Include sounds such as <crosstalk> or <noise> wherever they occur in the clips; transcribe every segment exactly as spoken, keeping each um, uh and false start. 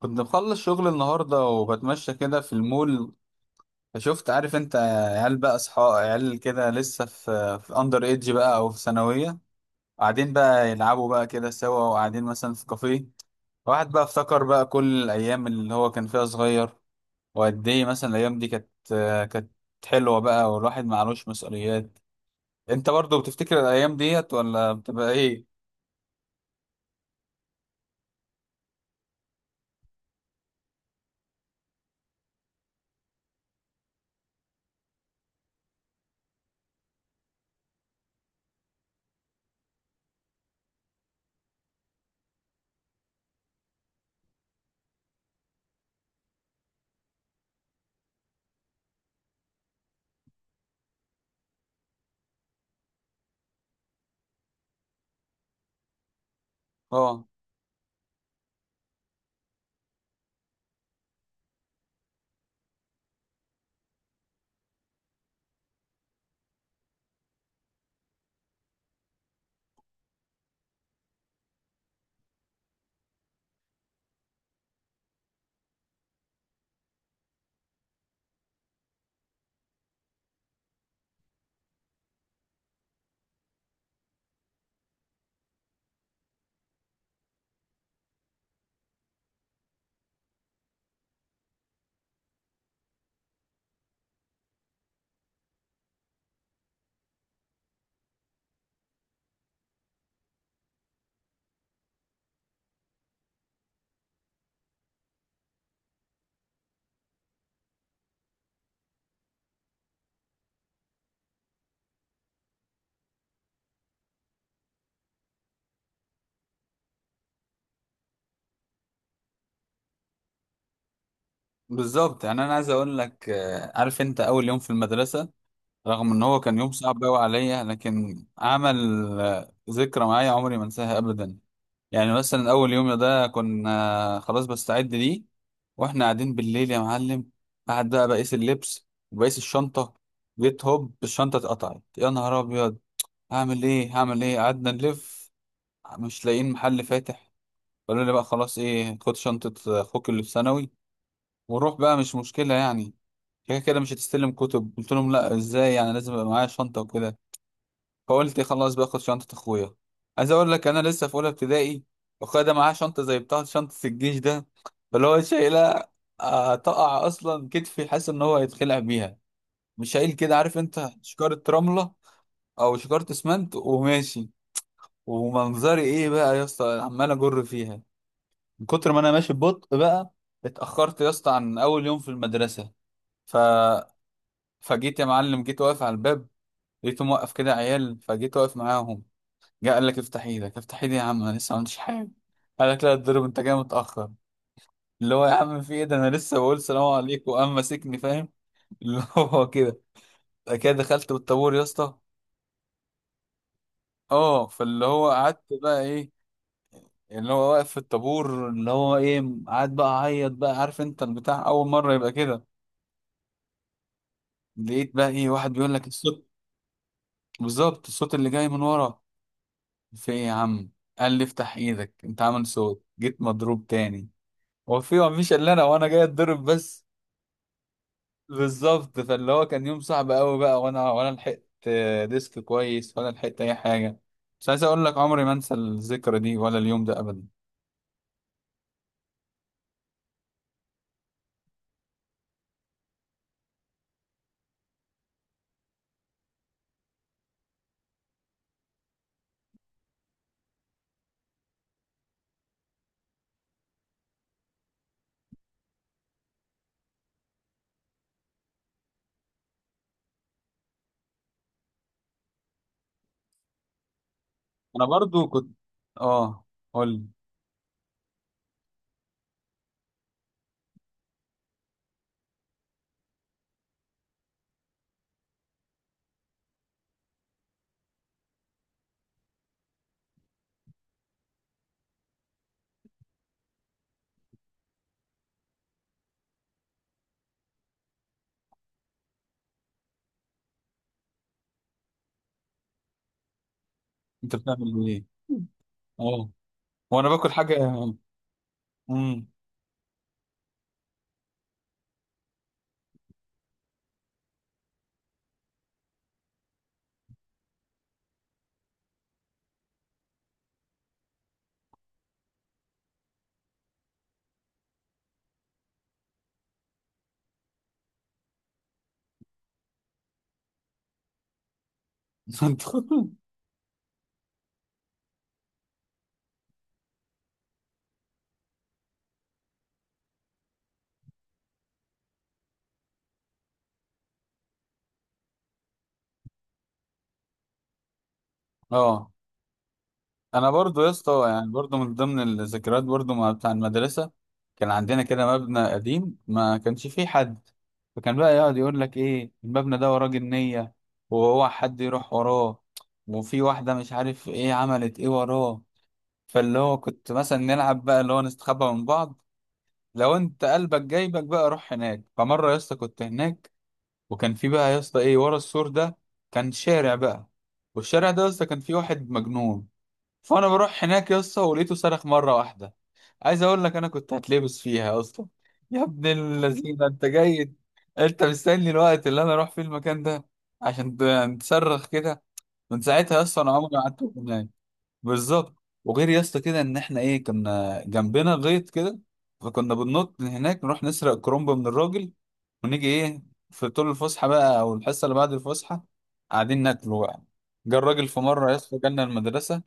كنت مخلص شغل النهاردة وبتمشى كده في المول، فشفت، عارف انت، عيال بقى، اصحاب عيال كده، لسه في في اندر ايدج بقى او في ثانوية، قاعدين بقى يلعبوا بقى كده سوا، وقاعدين مثلا في كافيه. واحد بقى افتكر بقى كل الايام اللي هو كان فيها صغير، وقد ايه مثلا الايام دي كانت كانت حلوة بقى، والواحد معلوش مسؤوليات. انت برضو بتفتكر الايام ديت ولا بتبقى ايه؟ اه. بالظبط، يعني انا عايز اقول لك، آه، عارف انت اول يوم في المدرسة، رغم ان هو كان يوم صعب قوي عليا، لكن عمل آه، ذكرى معايا عمري ما انساها ابدا. يعني مثلا اول يوم ده كنا خلاص بستعد ليه، واحنا قاعدين بالليل يا معلم، قعد بقى بقيس اللبس وبقيس الشنطه، جيت هوب الشنطه اتقطعت، يا نهار ابيض. هعمل ايه هعمل ايه؟ قعدنا نلف، مش لاقيين محل فاتح. قالوا لي بقى: خلاص، ايه، خد شنطه اخوك اللي في ثانوي وروح بقى، مش مشكله يعني، كده كده مش هتستلم كتب. قلت لهم: لا، ازاي يعني، لازم يبقى معايا شنطه وكده. فقلت خلاص، باخد شنطة اخويا. عايز اقول لك، انا لسه في اولى ابتدائي، واخويا ده معاه شنطة زي بتاعة شنطة الجيش ده، فاللي هو شايلها، آه، تقع اصلا، كتفي حاسس ان هو هيتخلع بيها، مش شايل، كده عارف انت، شكارة رملة او شكارة اسمنت وماشي. ومنظري ايه بقى يا اسطى، عمال اجر فيها من كتر ما انا ماشي ببطء بقى، اتأخرت يا اسطى عن اول يوم في المدرسة. ف... فجيت يا معلم، جيت واقف على الباب، لقيته موقف كده عيال، فجيت واقف معاهم. جه قال لك: افتح ايدك. افتح ايدي يا عم، انا لسه ما عملتش حاجه. قال لك: لا تضرب، انت جاي متاخر. اللي هو، يا عم في ايه ده، انا لسه بقول سلام عليكم وقام ماسكني، فاهم؟ <laughs> اللي هو كده، كده دخلت بالطابور يا اسطى. اه، فاللي هو قعدت بقى ايه، اللي هو واقف في الطابور اللي هو ايه، قعد بقى اعيط بقى، عارف انت البتاع اول مره يبقى كده. لقيت بقى ايه واحد بيقول لك: الصوت. بالظبط، الصوت اللي جاي من ورا. في ايه يا عم؟ قال لي: افتح ايدك، انت عامل صوت. جيت مضروب تاني، هو في مفيش الا انا وانا جاي اتضرب بس؟ بالظبط، فاللي هو كان يوم صعب قوي بقى، وانا وانا لحقت ديسك كويس ولا لحقت اي حاجه، مش عايز اقول لك عمري ما انسى الذكرى دي ولا اليوم ده ابدا. انا برضو كنت. اه. قول لي. انت بتعمل ايه؟ اه. وانا باكل حاجه. امم. <laughs> انت. اه. انا برضو يا اسطى، يعني برضو من ضمن الذكريات برضو مع بتاع المدرسه، كان عندنا كده مبنى قديم ما كانش فيه حد، فكان بقى يقعد يقول لك: ايه المبنى ده وراه جنيه، وهو حد يروح وراه، وفي واحده مش عارف ايه عملت ايه وراه. فاللي هو كنت مثلا نلعب بقى اللي هو نستخبى من بعض، لو انت قلبك جايبك بقى روح هناك. فمره يا اسطى كنت هناك، وكان في بقى يا اسطى ايه ورا السور ده، كان شارع بقى، والشارع ده يا اسطى كان فيه واحد مجنون. فانا بروح هناك يا اسطى، ولقيته صرخ مره واحده. عايز اقول لك انا كنت هتلبس فيها يا اسطى. يا ابن اللذينه، انت جاي، انت مستني الوقت اللي انا اروح فيه المكان ده عشان ت- تصرخ كده؟ من ساعتها يا اسطى انا عمري ما قعدت هناك. بالظبط. وغير يا اسطى كده ان احنا ايه، كنا جنبنا غيط كده، فكنا بننط من هناك نروح نسرق كرومب من الراجل ونيجي ايه، في طول الفسحه بقى او الحصه اللي بعد الفسحه، قاعدين ناكله بقى. جه الراجل في مره يا اسطى، جالنا المدرسه،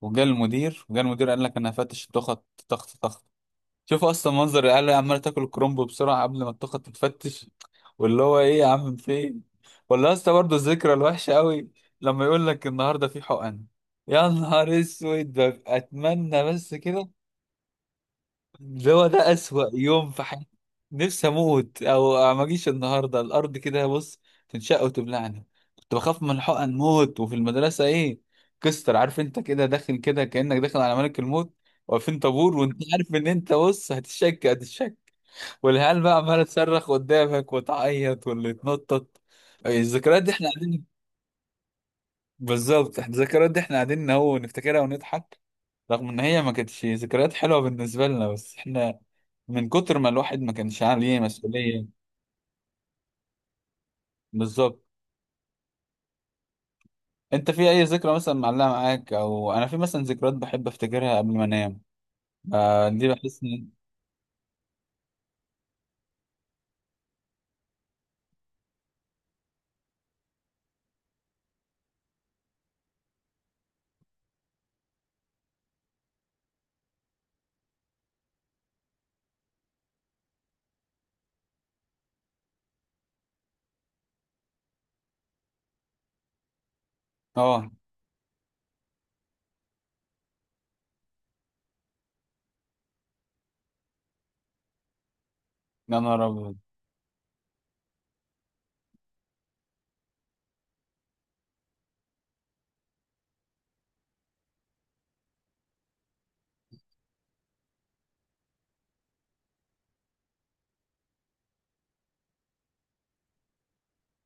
وجا المدير، وجا المدير قال لك: انا هفتش التخت، تخت تخت. شوف اصلا منظر العيال عماله تاكل الكرنب بسرعه قبل ما التخت تتفتش. واللي هو ايه يا عم فين. ولا اصلا برضه الذكرى الوحشه قوي، لما يقول لك: النهارده في حقن. يا نهار اسود، ببقى اتمنى بس كده، اللي هو ده أسوأ يوم في حياتي. نفسي أموت أو ما أجيش النهاردة، الأرض كده بص تنشق وتبلعني. كنت بخاف من الحقن موت، وفي المدرسة إيه، كستر، عارف أنت كده داخل كده كأنك داخل على ملك الموت، واقفين طابور وأنت عارف إن أنت بص هتشك هتشك، والعيال بقى عمالة تصرخ قدامك وتعيط واللي يتنطط. الذكريات دي إحنا قاعدين. بالظبط، إحنا الذكريات دي إحنا قاعدين أهو نفتكرها ونضحك، رغم ان هي ما كانتش ذكريات حلوه بالنسبه لنا، بس احنا من كتر ما الواحد ما كانش عليه مسؤوليه. بالظبط. انت في اي ذكرى مثلا معلقه معاك؟ او انا في مثلا ذكريات بحب افتكرها قبل ما انام، آه دي بحس ان. اه. يا نهار ابيض.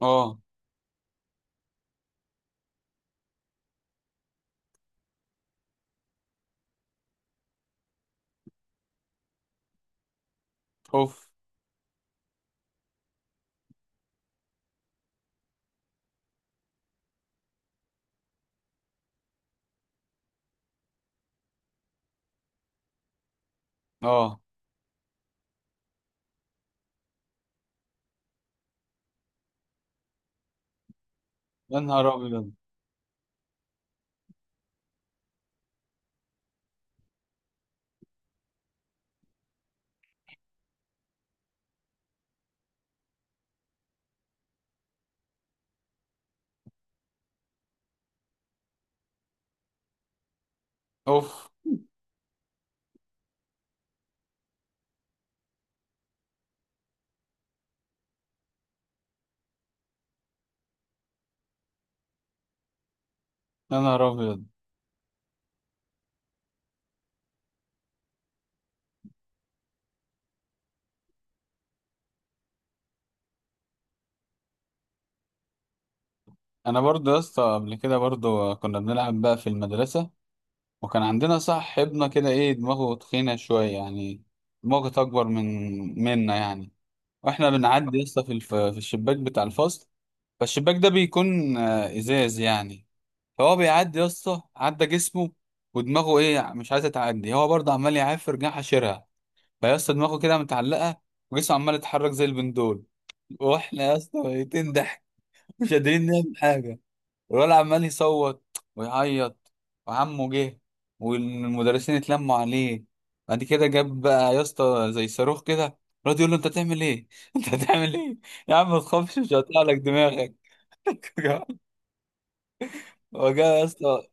اه. اوف. اه. يا نهار ابيض. اوف. يا نهار ابيض. انا برضه يا اسطى قبل كده برضه كنا بنلعب بقى في المدرسه، وكان عندنا صاحبنا كده ايه دماغه تخينه شويه يعني، دماغه اكبر من منا يعني، واحنا بنعدي لسه في الف... في الشباك بتاع الفصل. فالشباك ده بيكون آه، ازاز يعني، فهو بيعدي يا اسطى، عدى جسمه ودماغه ايه مش عايزه تعدي، هو برضه عمال يعافر جناح حشرها، فيا اسطى دماغه كده متعلقه وجسمه عمال يتحرك زي البندول، واحنا يا اسطى ميتين ضحك مش قادرين نعمل حاجه. الولد عمال يصوت ويعيط، وعمه جه، والمدرسين اتلموا عليه. بعد كده جاب بقى يا اسطى زي صاروخ كده، الواد يقول له: انت هتعمل ايه؟ <laughs> انت هتعمل ايه؟ يا عم ما تخافش مش هقطع لك دماغك. <laughs> وجا يا اسطى،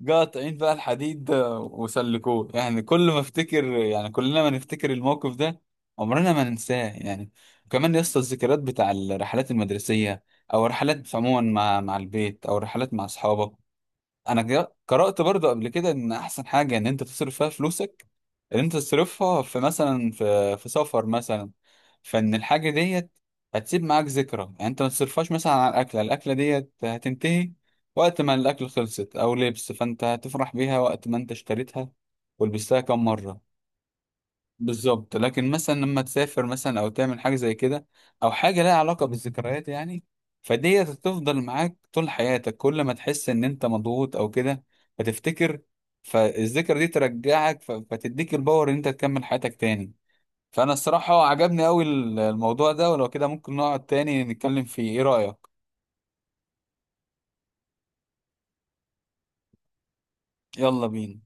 جا قاطعين بقى الحديد وسلكوه. يعني كل ما افتكر، يعني كلنا ما نفتكر الموقف ده، عمرنا ما ننساه يعني. وكمان يا اسطى الذكريات بتاع الرحلات المدرسية، او الرحلات عموما مع مع البيت، او الرحلات مع اصحابك. انا جا- قرأت برضه قبل كده ان احسن حاجة ان انت تصرف فيها فلوسك، ان انت تصرفها في مثلا في في سفر مثلا، فان الحاجة ديت هتسيب معاك ذكرى، يعني انت ما تصرفهاش مثلا على الاكلة، الاكلة ديت هتنتهي وقت ما الاكل خلصت، او لبس، فانت هتفرح بيها وقت ما انت اشتريتها ولبستها كم مرة. بالظبط، لكن مثلا لما تسافر مثلا او تعمل حاجه زي كده او حاجه لها علاقه بالذكريات يعني، فدي هتفضل معاك طول حياتك. كل ما تحس ان انت مضغوط او كده فتفتكر، فالذكرى دي ترجعك، ف- فتديك الباور ان انت تكمل حياتك تاني. فانا الصراحه عجبني قوي الموضوع ده، ولو كده ممكن نقعد تاني نتكلم فيه، ايه رايك؟ يلا بينا.